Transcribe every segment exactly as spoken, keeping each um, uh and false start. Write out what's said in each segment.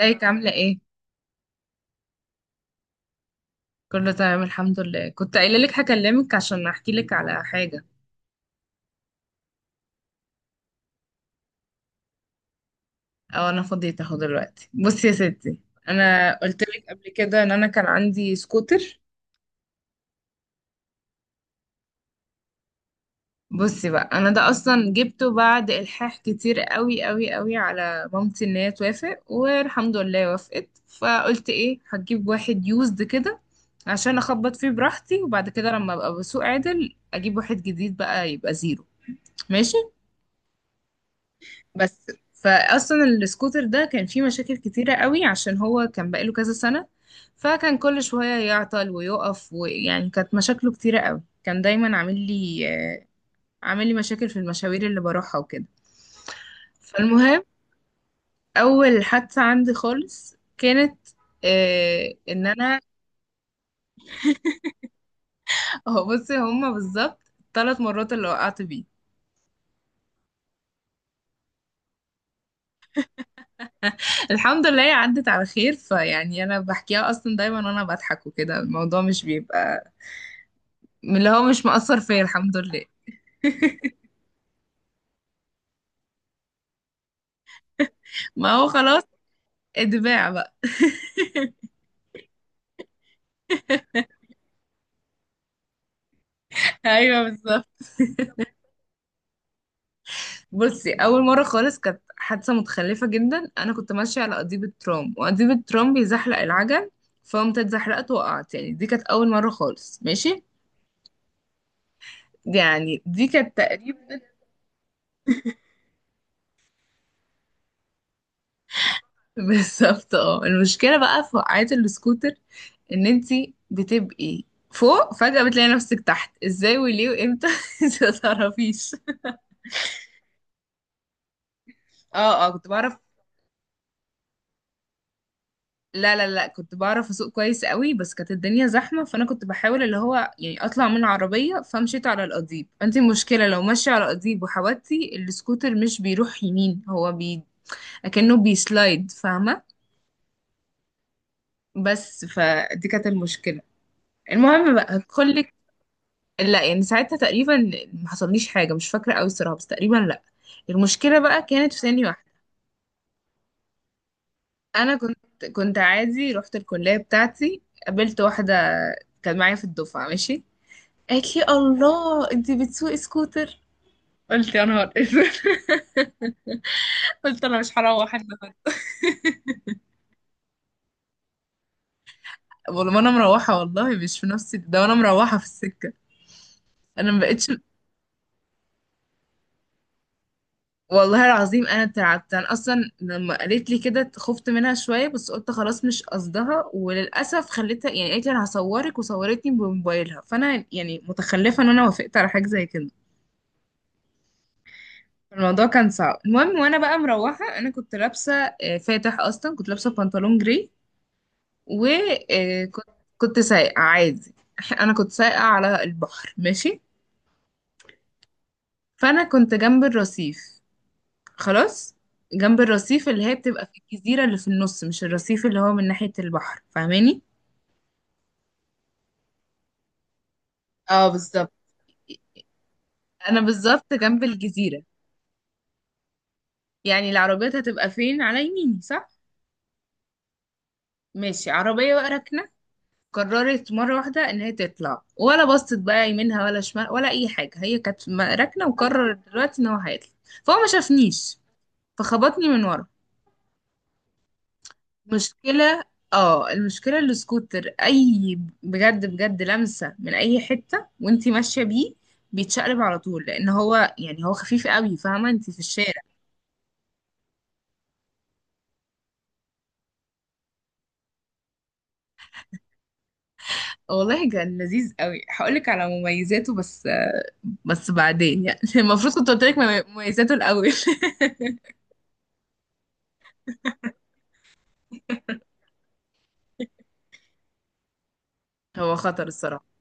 ازيك عاملة ايه؟ كله تمام الحمد لله. كنت قايلة لك هكلمك عشان احكي لك على حاجة. او انا فضيت اهو دلوقتي. بصي يا ستي، انا قلت لك قبل كده ان انا كان عندي سكوتر. بصي بقى، انا ده اصلا جبته بعد الحاح كتير قوي قوي قوي على مامتي ان هي توافق، والحمد لله وافقت. فقلت ايه، هجيب واحد يوزد كده عشان اخبط فيه براحتي، وبعد كده لما ابقى بسوق عادل اجيب واحد جديد بقى يبقى زيرو. ماشي. بس فاصلا السكوتر ده كان فيه مشاكل كتيره قوي عشان هو كان بقاله كذا سنه. فكان كل شويه يعطل ويقف، ويعني كانت مشاكله كتيره قوي. كان دايما عامل لي آه، عامل لي مشاكل في المشاوير اللي بروحها وكده. فالمهم، اول حادثه عندي خالص كانت آه ان انا هو بصي، هما بالظبط ثلاث مرات اللي وقعت بيه. الحمد لله هي عدت على خير، فيعني انا بحكيها اصلا دايما وانا بضحك وكده. الموضوع مش بيبقى اللي هو مش مقصر فيا، الحمد لله. ما هو خلاص، اتباع بقى. ايوه بالظبط. بصي، اول مره خالص كانت حادثه متخلفه جدا. انا كنت ماشيه على قضيب الترام، وقضيب الترام بيزحلق العجل. فقمت اتزحلقت وقعت. يعني دي كانت اول مره خالص. ماشي. يعني دي كانت تقريبا بالظبط. اه المشكله بقى في وقعات السكوتر ان انتي بتبقي فوق، فجأة بتلاقي نفسك تحت ازاي وليه وامتى انت ما تعرفيش. اه اه كنت بعرف. لا لا لا كنت بعرف اسوق كويس قوي. بس كانت الدنيا زحمه، فانا كنت بحاول اللي هو يعني اطلع من العربيه، فمشيت على القضيب. انت المشكله لو ماشيه على القضيب وحودتي، السكوتر مش بيروح يمين، هو بي اكنه بيسلايد، فاهمه. بس فدي كانت المشكله. المهم بقى هدخلك. لا يعني ساعتها تقريبا ما حصليش حاجه، مش فاكره قوي الصراحه، بس تقريبا لا. المشكله بقى كانت في ثانيه واحده. انا كنت كنت عادي رحت الكليه بتاعتي. قابلت واحده كانت معايا في الدفعه. ماشي. قالت لي الله، انت بتسوقي سكوتر؟ قلت يا نهار اسود قلت انا مش هروح النهارده. والله ما انا مروحه، والله مش في نفسي ده وانا مروحه في السكه. انا ما بقتش. والله العظيم انا اترعبت. انا اصلا لما قالت لي كده خفت منها شويه، بس قلت خلاص مش قصدها. وللاسف خليتها، يعني قالت لي انا هصورك وصورتني بموبايلها. فانا يعني متخلفه ان انا وافقت على حاجه زي كده. الموضوع كان صعب. المهم وانا بقى مروحه، انا كنت لابسه آه، فاتح اصلا، كنت لابسه بنطلون جري. وكنت كنت سايقة عادي انا كنت سايقة على البحر. ماشي. فانا كنت جنب الرصيف. خلاص، جنب الرصيف اللي هي بتبقى في الجزيرة اللي في النص، مش الرصيف اللي هو من ناحية البحر، فاهماني. اه بالظبط، انا بالظبط جنب الجزيرة. يعني العربيات هتبقى فين على يميني، صح. ماشي، عربية بقى راكنة. قررت مرة واحدة ان هي تطلع، ولا بصت بقى يمينها ولا شمال ولا اي حاجة. هي كانت م- راكنة وقررت دلوقتي ان هو هيطلع. فهو ما شافنيش، فخبطني من ورا. مشكلة. اه المشكلة السكوتر اي، بجد بجد لمسة من اي حتة وانتي ماشية بيه بيتشقلب على طول، لان هو يعني هو خفيف قوي، فاهمة انتي في الشارع. والله كان لذيذ قوي. هقولك على مميزاته. بس بس بعدين يعني المفروض كنت قلتلك مميزاته الاول. هو خطر الصراحة.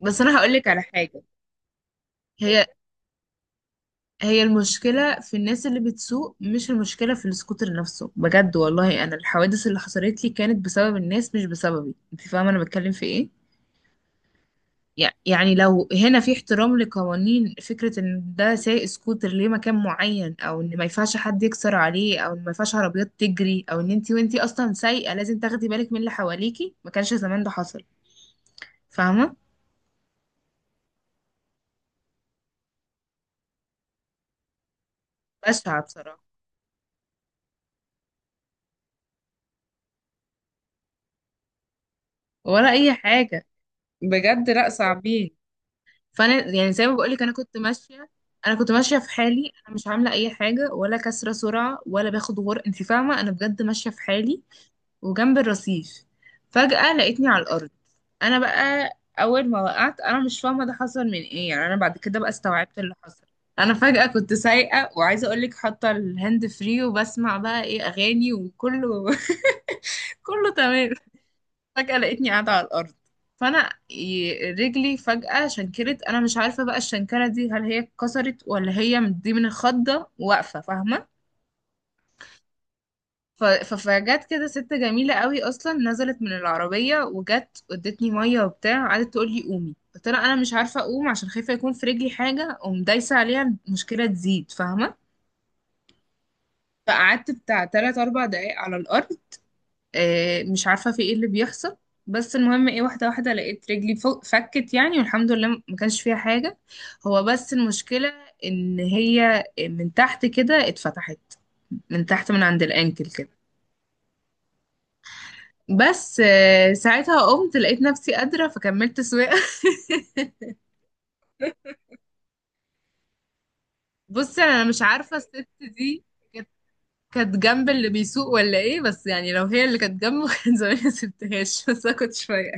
بس انا هقولك على حاجة. هي هي المشكلة في الناس اللي بتسوق، مش المشكلة في السكوتر نفسه، بجد والله. أنا الحوادث اللي حصلت لي كانت بسبب الناس مش بسببي، أنت فاهمة أنا بتكلم في إيه؟ يع- يعني لو هنا في احترام لقوانين، فكرة إن ده سايق سكوتر ليه مكان معين، أو إن ما ينفعش حد يكسر عليه، أو إن ما ينفعش عربيات تجري، أو إن أنت وأنت أصلا سايقة لازم تاخدي بالك من اللي حواليكي، ما كانش زمان ده حصل. فاهمة؟ بشعة بصراحة. ولا أي حاجة، بجد لأ صعبين. فانا يعني زي ما بقولك انا كنت ماشيه انا كنت ماشيه في حالي. انا مش عامله اي حاجه، ولا كسره سرعه، ولا باخد غر انت فاهمه، انا بجد ماشيه في حالي. وجنب الرصيف فجاه لقيتني على الارض. انا بقى اول ما وقعت انا مش فاهمه ده حصل من ايه. يعني انا بعد كده بقى استوعبت اللي حصل. انا فجاه كنت سايقه، وعايزه اقولك حاطه الهاند فري وبسمع بقى ايه اغاني وكله كله تمام. فجأة لقيتني قاعدة على الأرض. فأنا ي- رجلي فجأة شنكرت. أنا مش عارفة بقى الشنكرة دي، هل هي اتكسرت ولا هي من- دي من الخضة واقفة، فاهمة. ف- ف- فجت كده ست جميلة قوي، أصلا نزلت من العربية وجت ادتني مية وبتاع. قعدت تقول لي قومي، قلت لها أنا مش عارفة أقوم عشان خايفة يكون في رجلي حاجة أقوم دايسة عليها المشكلة تزيد، فاهمة. فقعدت بتاع تلات أربع دقايق على الأرض، آه، مش عارفة في ايه اللي بيحصل. بس المهم ايه، واحدة واحدة لقيت رجلي فوق- فكت يعني، والحمد لله ما كانش فيها حاجة. هو بس المشكلة ان هي من تحت كده اتفتحت، من تحت من عند الانكل كده. بس آه، ساعتها قمت لقيت نفسي قادرة فكملت سواقة. بصي انا مش عارفة الست دي، كانت كانت جنب اللي بيسوق ولا ايه، بس يعني لو هي اللي كانت جنبه كان زماني ما سبتهاش، بس انا كنت شوية.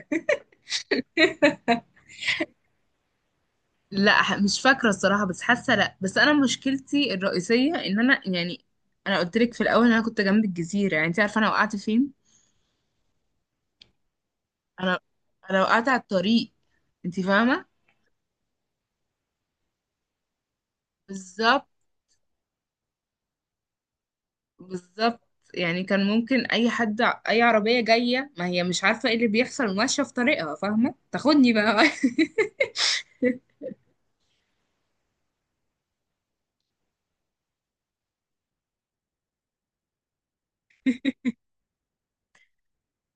لا ح- مش فاكرة الصراحة، بس حاسة لا. بس أنا مشكلتي الرئيسية إن أنا يعني أنا قلت لك في الأول إن أنا كنت جنب الجزيرة، يعني أنت عارفة أنا وقعت فين؟ أنا أنا وقعت على الطريق، أنت فاهمة؟ بالظبط بالظبط. يعني كان ممكن أي حد، أي عربية جاية ما هي مش عارفة إيه اللي بيحصل وماشية في طريقها، فاهمة؟ تاخدني بقى.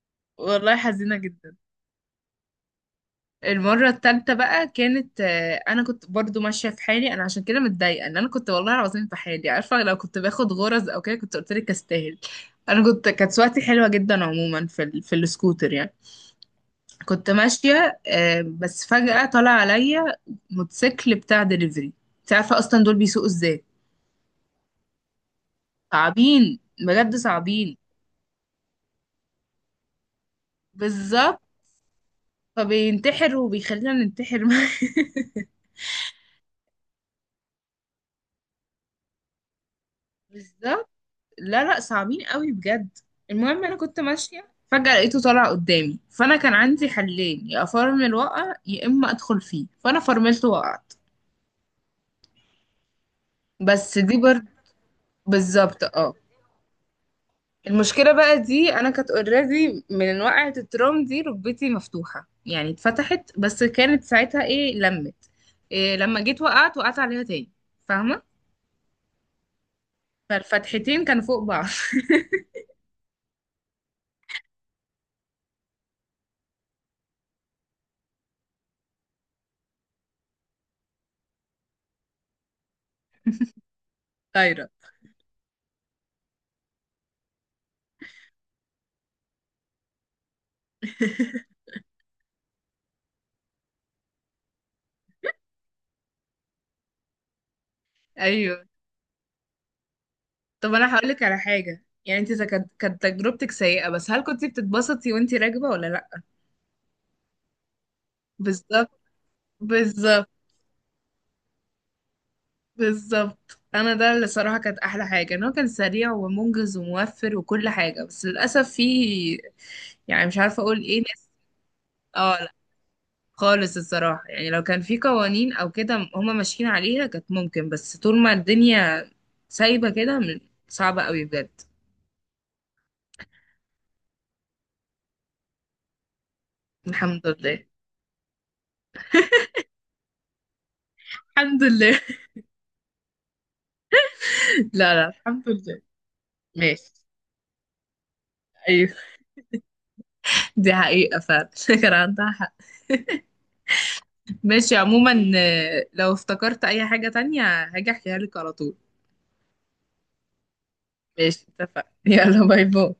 والله حزينة جدا. المرة التالتة بقى كانت آه، أنا كنت برضو ماشية في حالي. أنا عشان كده متضايقة إن أنا كنت والله العظيم في حالي، عارفة، لو كنت باخد غرز أو كده كنت قلت لك أستاهل. أنا كنت كانت سواقتي حلوة جدا عموما في ال... في السكوتر يعني. كنت ماشية آه، بس فجأة طلع عليا موتوسيكل بتاع دليفري. أنت عارفة أصلا دول بيسوقوا إزاي. صعبين بجد صعبين. بالظبط. فبينتحر وبيخلينا ننتحر معاه. بالظبط. لا لا صعبين قوي بجد. المهم انا كنت ماشيه فجاه لقيته طالع قدامي. فانا كان عندي حلين، يا افرمل وقع يا اما ادخل فيه. فانا فرملت وقعت. بس دي برضه بالظبط. اه المشكله بقى دي، انا كانت اوريدي من وقعه الترام دي ركبتي مفتوحه، يعني اتفتحت، بس كانت ساعتها ايه لمت، إيه لما جيت وقعت وقعت عليها تاني، فاهمه. فالفتحتين كانوا فوق بعض. طايره. ايوه طب انا هقول لك على حاجه، يعني انت إذا كانت كانت تجربتك سيئه، بس هل كنت بتتبسطي وانت راكبه ولا لا. بالظبط بالظبط بالظبط. انا ده اللي صراحه كانت احلى حاجه، ان هو كان سريع ومنجز وموفر وكل حاجه، بس للاسف فيه يعني مش عارفه اقول ايه ناس. اه لا خالص الصراحه، يعني لو كان في قوانين او كده هما ماشيين عليها كانت ممكن. بس طول ما الدنيا سايبه كده من- صعبه قوي بجد. الحمد لله. الحمد لله. لا لا الحمد لله. ماشي. أيوه، دي حقيقة فعلا كان عندها حق. ماشي عموما، آه، لو افتكرت أي حاجة تانية هاجي أحكيها لك على طول. ماشي اتفقنا يلا باي باي.